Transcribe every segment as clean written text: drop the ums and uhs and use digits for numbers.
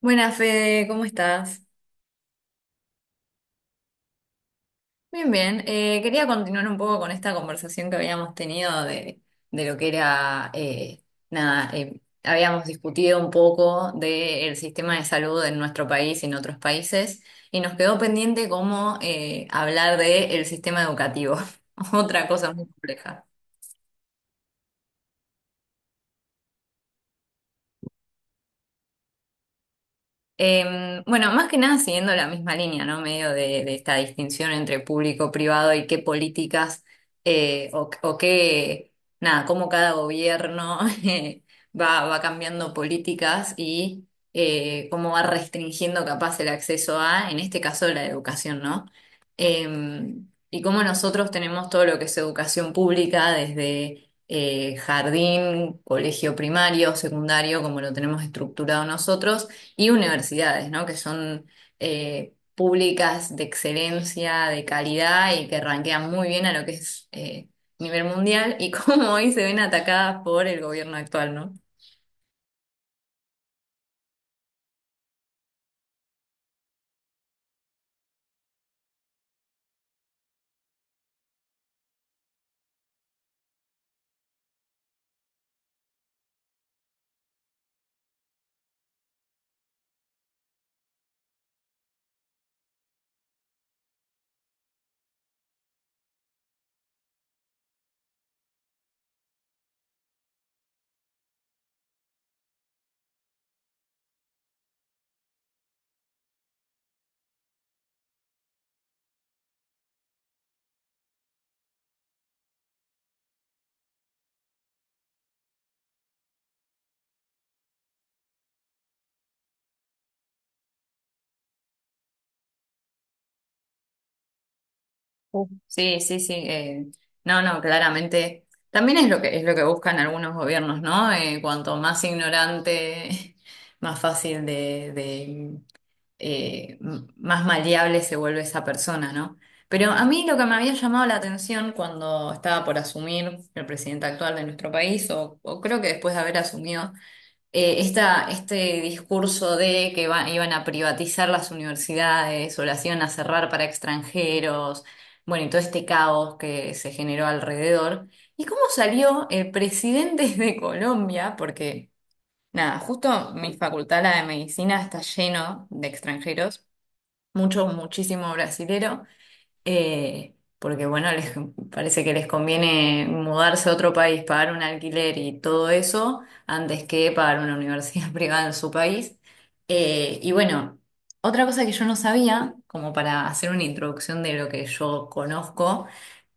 Buenas, Fede, ¿cómo estás? Bien, bien. Quería continuar un poco con esta conversación que habíamos tenido de lo que era, nada, habíamos discutido un poco del sistema de salud en nuestro país y en otros países, y nos quedó pendiente cómo hablar del sistema educativo, otra cosa muy compleja. Bueno, más que nada siguiendo la misma línea, ¿no? Medio de esta distinción entre público-privado y qué políticas o qué, nada, cómo cada gobierno eh, va cambiando políticas y cómo va restringiendo capaz el acceso a, en este caso, la educación, ¿no? Y cómo nosotros tenemos todo lo que es educación pública desde jardín, colegio primario, secundario, como lo tenemos estructurado nosotros y universidades, ¿no? Que son públicas de excelencia, de calidad y que ranquean muy bien a lo que es nivel mundial, y cómo hoy se ven atacadas por el gobierno actual, ¿no? Ujú. Sí, sí, sí. No, no, claramente. También es lo que buscan algunos gobiernos, ¿no? Cuanto más ignorante, más fácil de, más maleable se vuelve esa persona, ¿no? Pero a mí lo que me había llamado la atención cuando estaba por asumir el presidente actual de nuestro país, o creo que después de haber asumido, este discurso de que iban a privatizar las universidades o las iban a cerrar para extranjeros, bueno, y todo este caos que se generó alrededor. ¿Y cómo salió el presidente de Colombia? Porque, nada, justo mi facultad, la de medicina, está lleno de extranjeros, mucho, muchísimo brasilero, porque bueno, les parece que les conviene mudarse a otro país, pagar un alquiler y todo eso, antes que pagar una universidad privada en su país. Y bueno, otra cosa que yo no sabía, como para hacer una introducción de lo que yo conozco,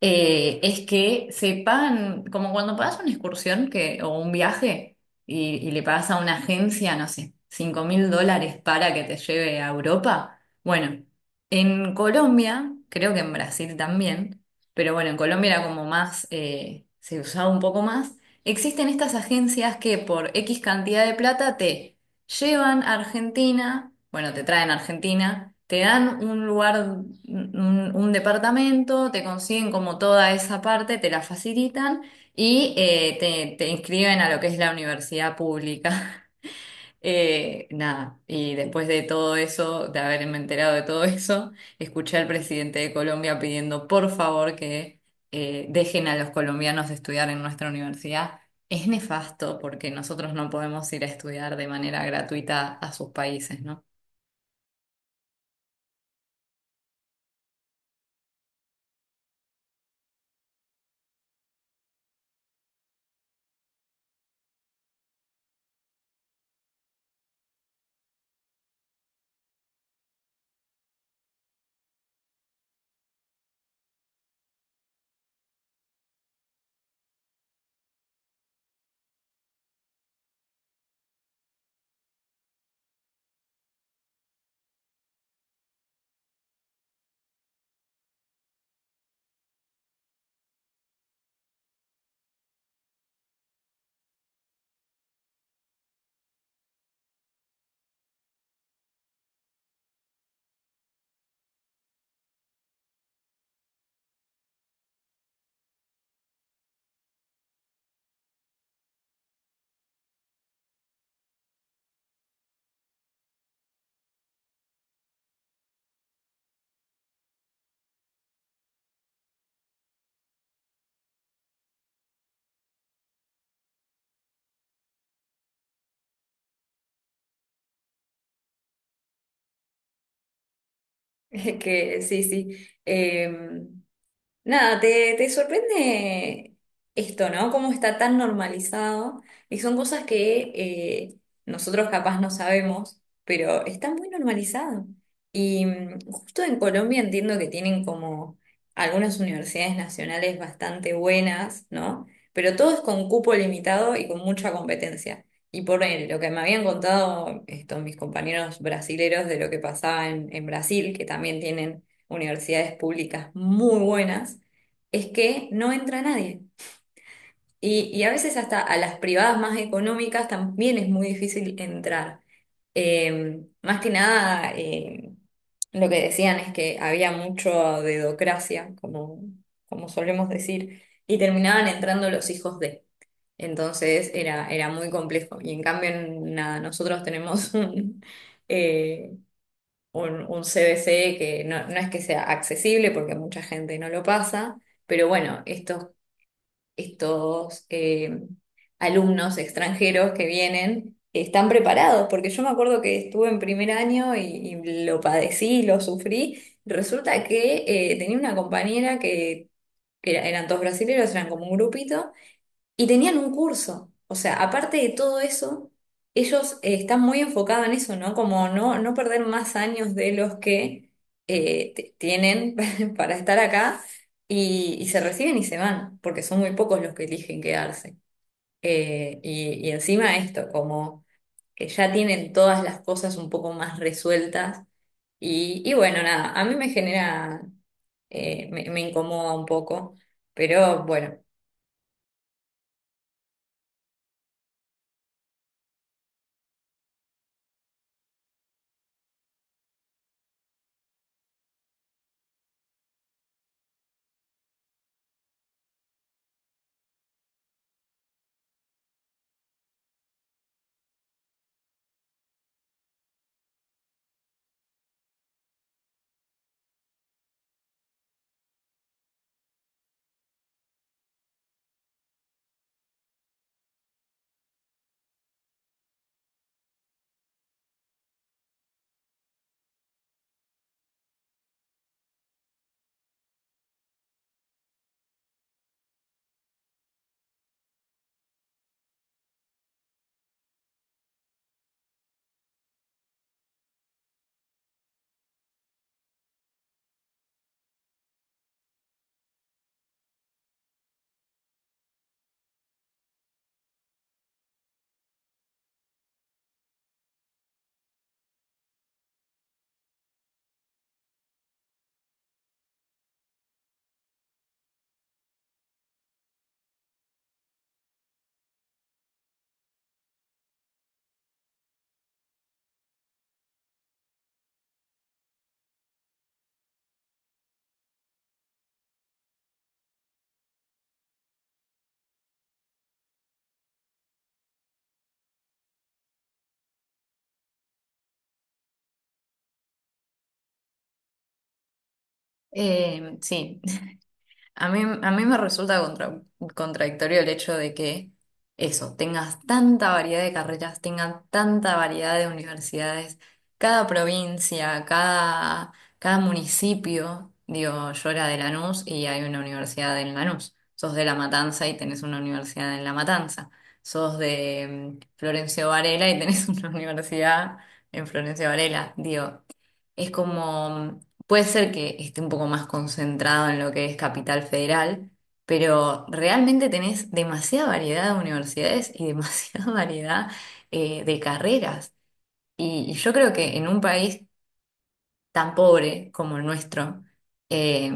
es que se pagan, como cuando pagas una excursión que, o un viaje, y le pagas a una agencia, no sé, 5000 dólares para que te lleve a Europa. Bueno, en Colombia, creo que en Brasil también, pero bueno, en Colombia era como más, se usaba un poco más, existen estas agencias que por X cantidad de plata te llevan a Argentina, bueno, te traen a Argentina, te dan un lugar, un departamento, te consiguen como toda esa parte, te la facilitan, y te inscriben a lo que es la universidad pública. Nada, y después de todo eso, de haberme enterado de todo eso, escuché al presidente de Colombia pidiendo por favor que dejen a los colombianos estudiar en nuestra universidad. Es nefasto porque nosotros no podemos ir a estudiar de manera gratuita a sus países, ¿no? Que sí, sí. Em, Nada, te sorprende esto, ¿no? Cómo está tan normalizado y son cosas que nosotros capaz no sabemos, pero está muy normalizado. Y justo en Colombia entiendo que tienen como algunas universidades nacionales bastante buenas, ¿no? Pero todo es con cupo limitado y con mucha competencia. Y por lo que me habían contado estos mis compañeros brasileros de lo que pasaba en Brasil, que también tienen universidades públicas muy buenas, es que no entra nadie. Y a veces hasta a las privadas más económicas también es muy difícil entrar. Más que nada, lo que decían es que había mucho dedocracia, como solemos decir, y terminaban entrando los hijos de. Entonces era muy complejo. Y en cambio, nada, nosotros tenemos eh, un CBC que no, no es que sea accesible porque mucha gente no lo pasa, pero bueno, estos, estos alumnos extranjeros que vienen están preparados, porque yo me acuerdo que estuve en primer año y lo padecí, lo sufrí. Resulta que tenía una compañera eran todos brasileños, eran como un grupito. Y tenían un curso. O sea, aparte de todo eso, ellos están muy enfocados en eso, ¿no? Como no, no perder más años de los que tienen para estar acá, y se reciben y se van, porque son muy pocos los que eligen quedarse. Y encima esto, como que ya tienen todas las cosas un poco más resueltas. Y bueno, nada, a mí me genera, me incomoda un poco, pero bueno. Sí. A mí me resulta contradictorio el hecho de que eso, tengas tanta variedad de carreras, tengas tanta variedad de universidades, cada provincia, cada municipio. Digo, yo era de Lanús y hay una universidad en Lanús. Sos de La Matanza y tenés una universidad en La Matanza. Sos de Florencio Varela y tenés una universidad en Florencio Varela. Digo, es como, puede ser que esté un poco más concentrado en lo que es Capital Federal, pero realmente tenés demasiada variedad de universidades y demasiada variedad de carreras. Y yo creo que en un país tan pobre como el nuestro, eh,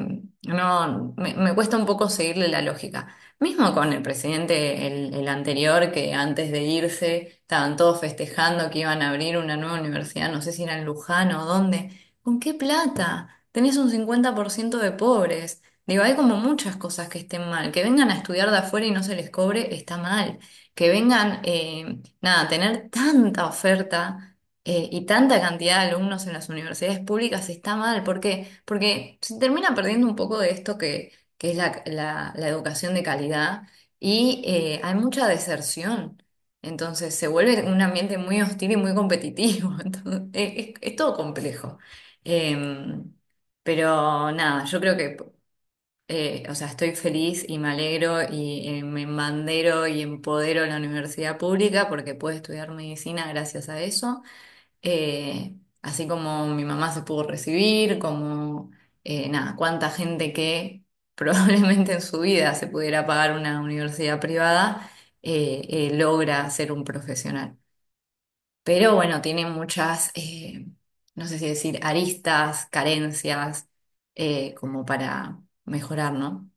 no, me cuesta un poco seguirle la lógica. Mismo con el presidente, el anterior, que antes de irse estaban todos festejando que iban a abrir una nueva universidad, no sé si era en Luján o dónde. ¿Con qué plata? Tenés un 50% de pobres. Digo, hay como muchas cosas que estén mal. Que vengan a estudiar de afuera y no se les cobre, está mal. Que vengan, nada, a tener tanta oferta y tanta cantidad de alumnos en las universidades públicas está mal. ¿Por qué? Porque se termina perdiendo un poco de esto que es la educación de calidad, y hay mucha deserción. Entonces se vuelve un ambiente muy hostil y muy competitivo. Entonces, es todo complejo. Em, pero nada, yo creo que, o sea, estoy feliz y me alegro y me embandero y empodero a la universidad pública porque pude estudiar medicina gracias a eso, eh, así como mi mamá se pudo recibir, como nada, cuánta gente que probablemente en su vida se pudiera pagar una universidad privada logra ser un profesional. Pero bueno, tiene muchas, no sé si decir, aristas, carencias, como para mejorar, ¿no?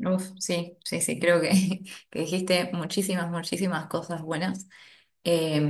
Uf, sí, sí, sí, creo que, que dijiste muchísimas, muchísimas cosas buenas.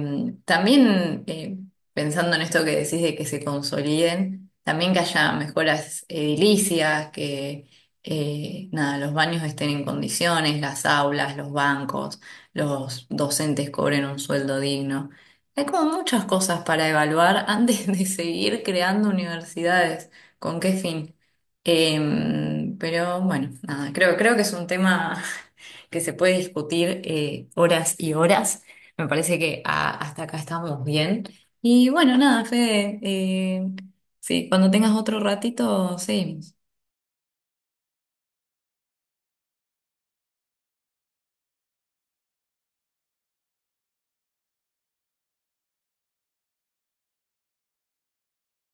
También pensando en esto que decís de que se consoliden, también que haya mejoras edilicias, que nada, los baños estén en condiciones, las aulas, los bancos, los docentes cobren un sueldo digno. Hay como muchas cosas para evaluar antes de seguir creando universidades. ¿Con qué fin? Pero bueno, nada, creo que es un tema que se puede discutir horas y horas. Me parece que hasta acá estamos bien. Y bueno, nada, Fede, sí, cuando tengas otro ratito, seguimos.